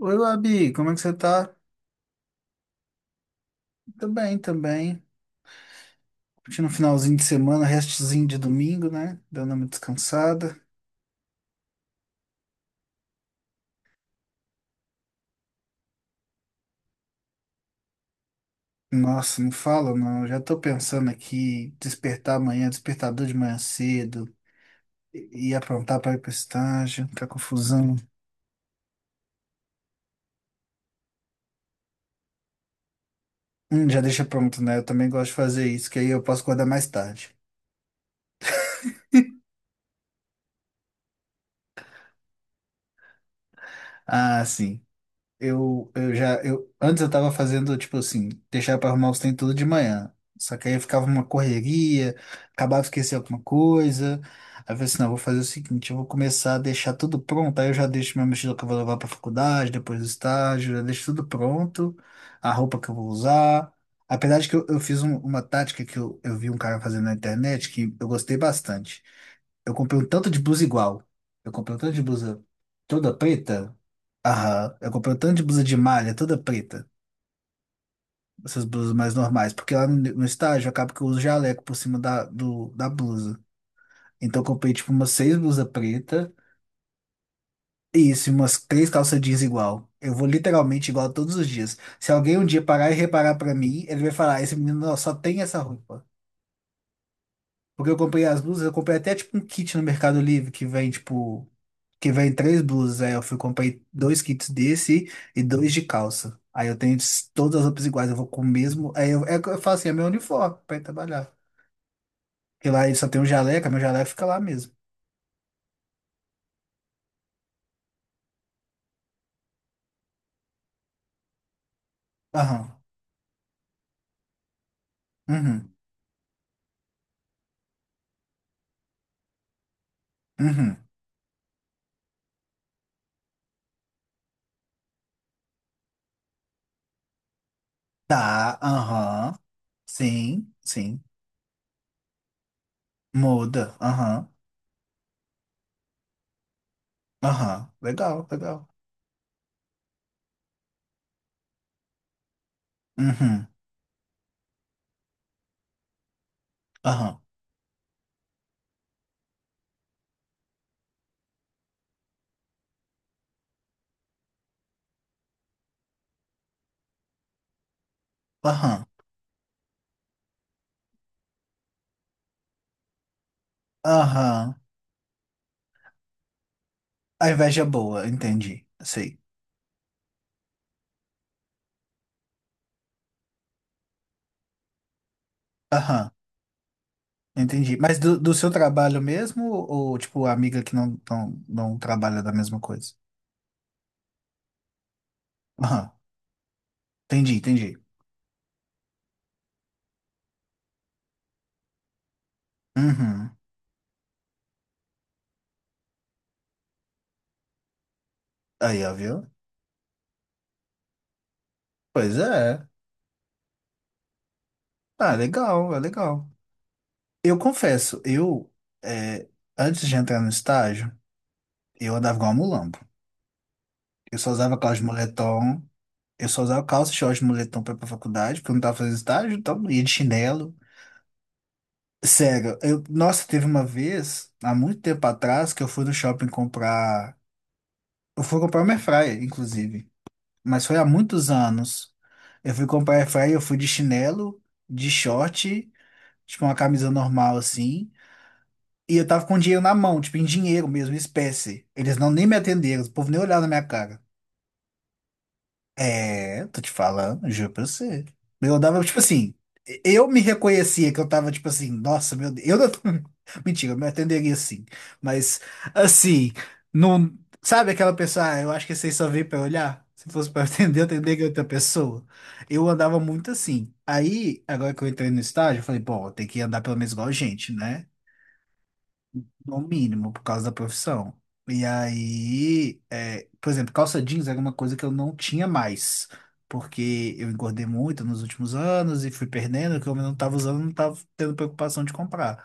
Oi, Labi, como é que você tá? Tô bem também. Curtindo um finalzinho de semana, restezinho de domingo, né? Dando uma descansada. Nossa, não fala não. Já tô pensando aqui, despertar amanhã, despertador de manhã cedo, e aprontar pra ir pro estágio, tá confusão. Já deixa pronto, né? Eu também gosto de fazer isso, que aí eu posso acordar mais tarde. Ah, sim. Antes eu tava fazendo, tipo assim, deixar pra arrumar os trem tudo de manhã. Só que aí ficava uma correria, acabava esquecer alguma coisa. Aí eu falei assim, não, eu vou fazer o seguinte, eu vou começar a deixar tudo pronto, aí eu já deixo minha mochila que eu vou levar pra faculdade, depois do estágio, já deixo tudo pronto, a roupa que eu vou usar. Apesar de que eu fiz uma tática que eu vi um cara fazendo na internet que eu gostei bastante. Eu comprei um tanto de blusa igual. Eu comprei um tanto de blusa toda preta. Aham. Eu comprei um tanto de blusa de malha toda preta. Essas blusas mais normais. Porque lá no estágio acaba que eu uso jaleco por cima da blusa. Então eu comprei tipo umas seis blusas pretas. E isso, e umas três calças jeans igual. Eu vou literalmente igual todos os dias. Se alguém um dia parar e reparar pra mim, ele vai falar: "Ah, esse menino ó, só tem essa roupa." Porque eu comprei as blusas, eu comprei até tipo um kit no Mercado Livre que vem tipo que vem três blusas. Aí eu fui, comprei dois kits desse e dois de calça. Aí eu tenho todas as roupas iguais, eu vou com o mesmo. Aí eu, é, eu falo assim, é meu uniforme pra ir trabalhar. Porque lá ele só tem um jaleco. Meu jaleco fica lá mesmo. Aham. Uhum. Uhum. Tá, aham. Sim, sim. Muda. Aham. Aham. Legal, legal. Uhum. Aham. Aham. Aham. A inveja é boa, entendi. Sei. Aham. Entendi. Mas do seu trabalho mesmo, ou tipo, amiga que não trabalha da mesma coisa? Aham. Entendi, entendi. Uhum. Aí, ó, viu? Pois é. Ah, legal, é legal. Eu confesso, eu, é, antes de entrar no estágio, eu andava igual um mulambo. Eu só usava calça de moletom, eu só usava calça e short de moletom pra ir pra faculdade, porque eu não tava fazendo estágio, então ia de chinelo. Sério, eu, nossa, teve uma vez, há muito tempo atrás, que eu fui no shopping comprar. Eu fui comprar uma airfryer, inclusive. Mas foi há muitos anos. Eu fui comprar airfryer, eu fui de chinelo, de short, tipo uma camisa normal assim. E eu tava com dinheiro na mão, tipo em dinheiro mesmo, em espécie. Eles não nem me atenderam, o povo nem olhava na minha cara. É, tô te falando, juro pra você. Eu dava, tipo assim, eu me reconhecia que eu tava, tipo assim, nossa, meu Deus, eu não... Mentira, eu me atenderia assim. Mas, assim, não... Sabe aquela pessoa, ah, eu acho que vocês só veem pra olhar? Se fosse pra atender, eu atenderia outra pessoa. Eu andava muito assim. Aí, agora que eu entrei no estágio, eu falei, bom, tem que andar pelo menos igual gente, né? No mínimo, por causa da profissão. E aí, é, por exemplo, calça jeans era uma coisa que eu não tinha mais, porque eu engordei muito nos últimos anos e fui perdendo, que eu não estava usando, não estava tendo preocupação de comprar.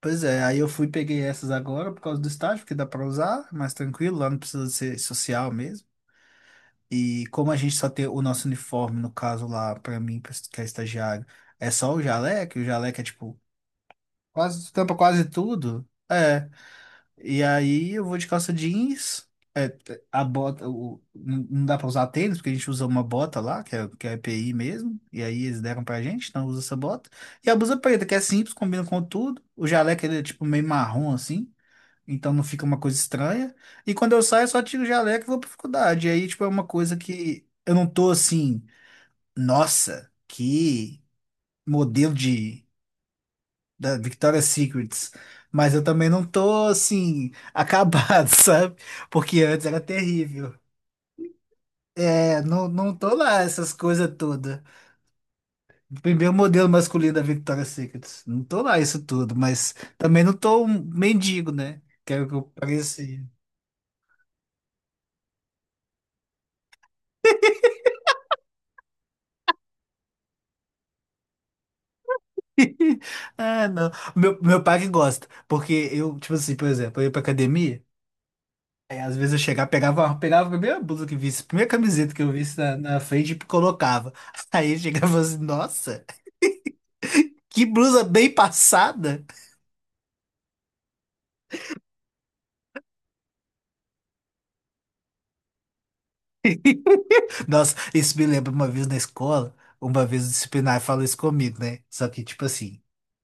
Pois é, aí eu fui e peguei essas agora por causa do estágio, porque dá para usar, é mais tranquilo, lá não precisa ser social mesmo. E como a gente só tem o nosso uniforme, no caso lá, para mim, que é estagiário, é só o jaleco, e o jaleco é tipo, quase, tampa quase tudo. É. E aí eu vou de calça jeans. É, é, a bota, o, não dá pra usar tênis, porque a gente usa uma bota lá, que é EPI mesmo. E aí eles deram pra gente, então usa essa bota. E a blusa preta, que é simples, combina com tudo. O jaleco ele é tipo meio marrom assim, então não fica uma coisa estranha. E quando eu saio, eu só tiro o jaleco e vou pra faculdade. E aí, tipo, é uma coisa que eu não tô assim, nossa, que modelo de da Victoria's Secrets, mas eu também não tô assim acabado, sabe? Porque antes era terrível. É, não, não tô lá essas coisas todas. Primeiro modelo masculino da Victoria's Secrets. Não tô lá isso tudo, mas também não tô um mendigo, né? Quero que eu parecia. Ah, não. Meu pai que gosta, porque eu, tipo assim, por exemplo, eu ia pra academia. Aí, às vezes eu chegava, pegava a primeira blusa que visse, a primeira camiseta que eu visse na frente e colocava. Aí eu chegava assim, nossa, que blusa bem passada. Nossa, isso me lembra uma vez na escola, uma vez o disciplinar falou isso comigo, né? Só que, tipo assim,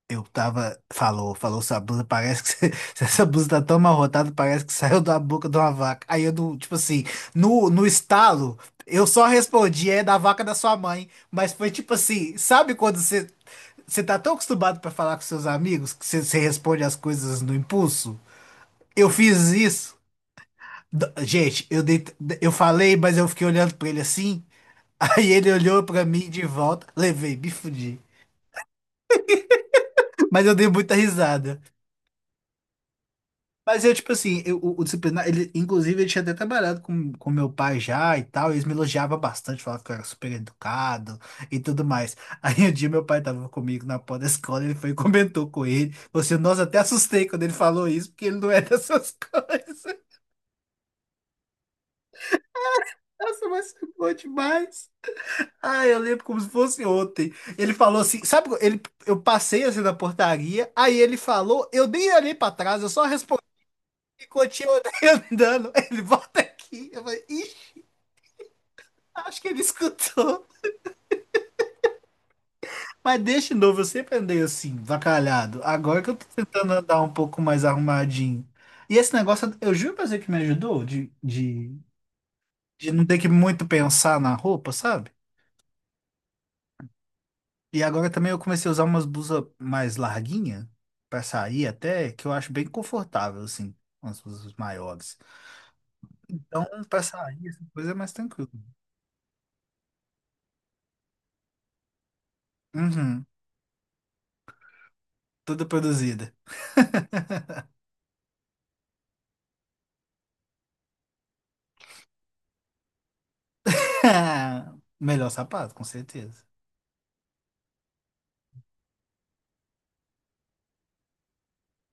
eu tava, falou, sua blusa parece que, essa blusa tá tão amarrotada, parece que saiu da boca de uma vaca. Aí eu, tipo assim, no estalo, eu só respondi, é da vaca da sua mãe. Mas foi tipo assim, sabe quando você... Você tá tão acostumado pra falar com seus amigos que você responde as coisas no impulso? Eu fiz isso. Gente, eu falei, mas eu fiquei olhando pra ele assim. Aí ele olhou pra mim de volta. Levei, me fudi. Mas eu dei muita risada. Mas eu, tipo assim, o disciplinar, ele, inclusive, ele tinha até trabalhado com meu pai já e tal, e eles me elogiavam bastante, falavam que eu era super educado e tudo mais. Aí um dia meu pai tava comigo na porta da escola, ele foi e comentou com ele. Você, nossa, até assustei quando ele falou isso, porque ele não é dessas coisas. Nossa, mas foi bom demais. Ah, eu lembro como se fosse ontem. Ele falou assim, sabe, ele, eu passei assim na portaria, aí ele falou, eu nem olhei pra trás, eu só respondi e continuei andando. Ele volta aqui. Eu falei, "Ixi, acho que ele escutou." Mas deixa novo, eu sempre andei assim, vacalhado. Agora que eu tô tentando andar um pouco mais arrumadinho. E esse negócio, eu juro pra você que me ajudou de não ter que muito pensar na roupa, sabe? E agora também eu comecei a usar umas blusas mais larguinha pra sair até, que eu acho bem confortável, assim, umas blusas maiores. Então, pra sair, essa coisa é mais tranquila. Uhum, tudo produzida. Melhor sapato, com certeza.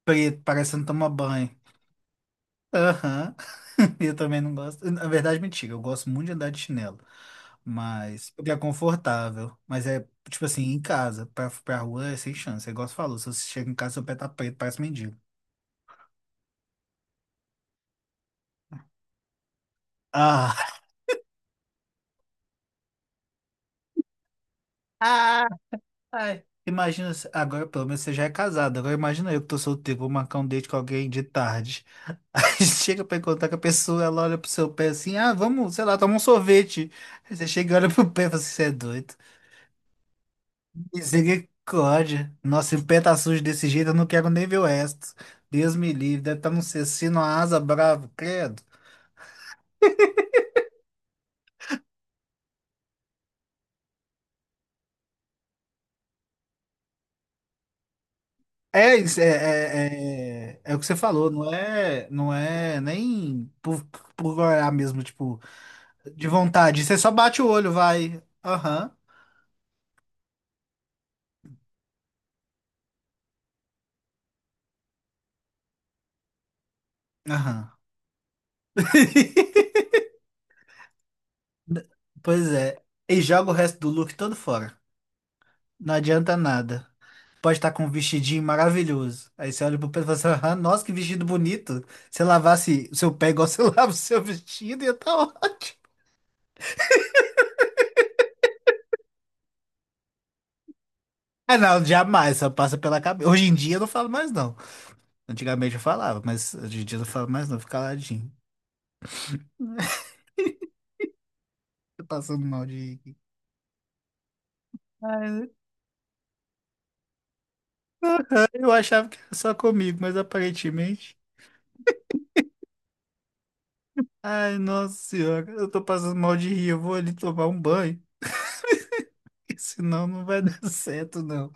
Preto, parecendo tomar banho. Aham. Eu também não gosto. Na verdade, mentira, eu gosto muito de andar de chinelo. Mas, porque é confortável. Mas é, tipo assim, em casa. Pra rua é sem chance. É igual você falou, se você chega em casa, seu pé tá preto, parece mendigo. Ah! Ah! Ai. Imagina, agora pelo menos você já é casado. Agora imagina eu que tô solteiro, vou marcar um date com alguém de tarde. Aí chega pra encontrar com a pessoa, ela olha pro seu pé assim, ah, vamos, sei lá, tomar um sorvete. Aí você chega e olha pro pé e fala assim, você é doido. Misericórdia. Nossa, se o pé tá sujo desse jeito, eu não quero nem ver o resto. Deus me livre, deve estar num cecino, uma asa brava, credo. É o que você falou, não é nem por, por olhar mesmo, tipo, de vontade. Você só bate o olho, vai. Aham, aham. Pois é. E joga o resto do look todo fora. Não adianta nada. Pode estar com um vestidinho maravilhoso. Aí você olha pro pé e fala assim, "Ah, nossa, que vestido bonito. Se lavasse o seu pé igual você lava o seu vestido, ia estar ótimo." Ah, não, jamais, só passa pela cabeça. Hoje em dia eu não falo mais, não. Antigamente eu falava, mas hoje em dia eu não falo mais, não. Fica ladinho. Tô passando mal de... rir aqui. Ai, eu achava que era só comigo, mas aparentemente... Ai, nossa senhora, eu tô passando mal de rir, eu vou ali tomar um banho. Senão não vai dar certo, não.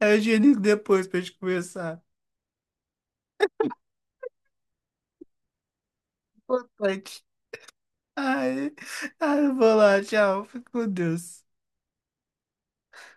É higiênico depois pra gente conversar. Boa noite. Ai, ai, eu vou lá, tchau. Fica com Deus.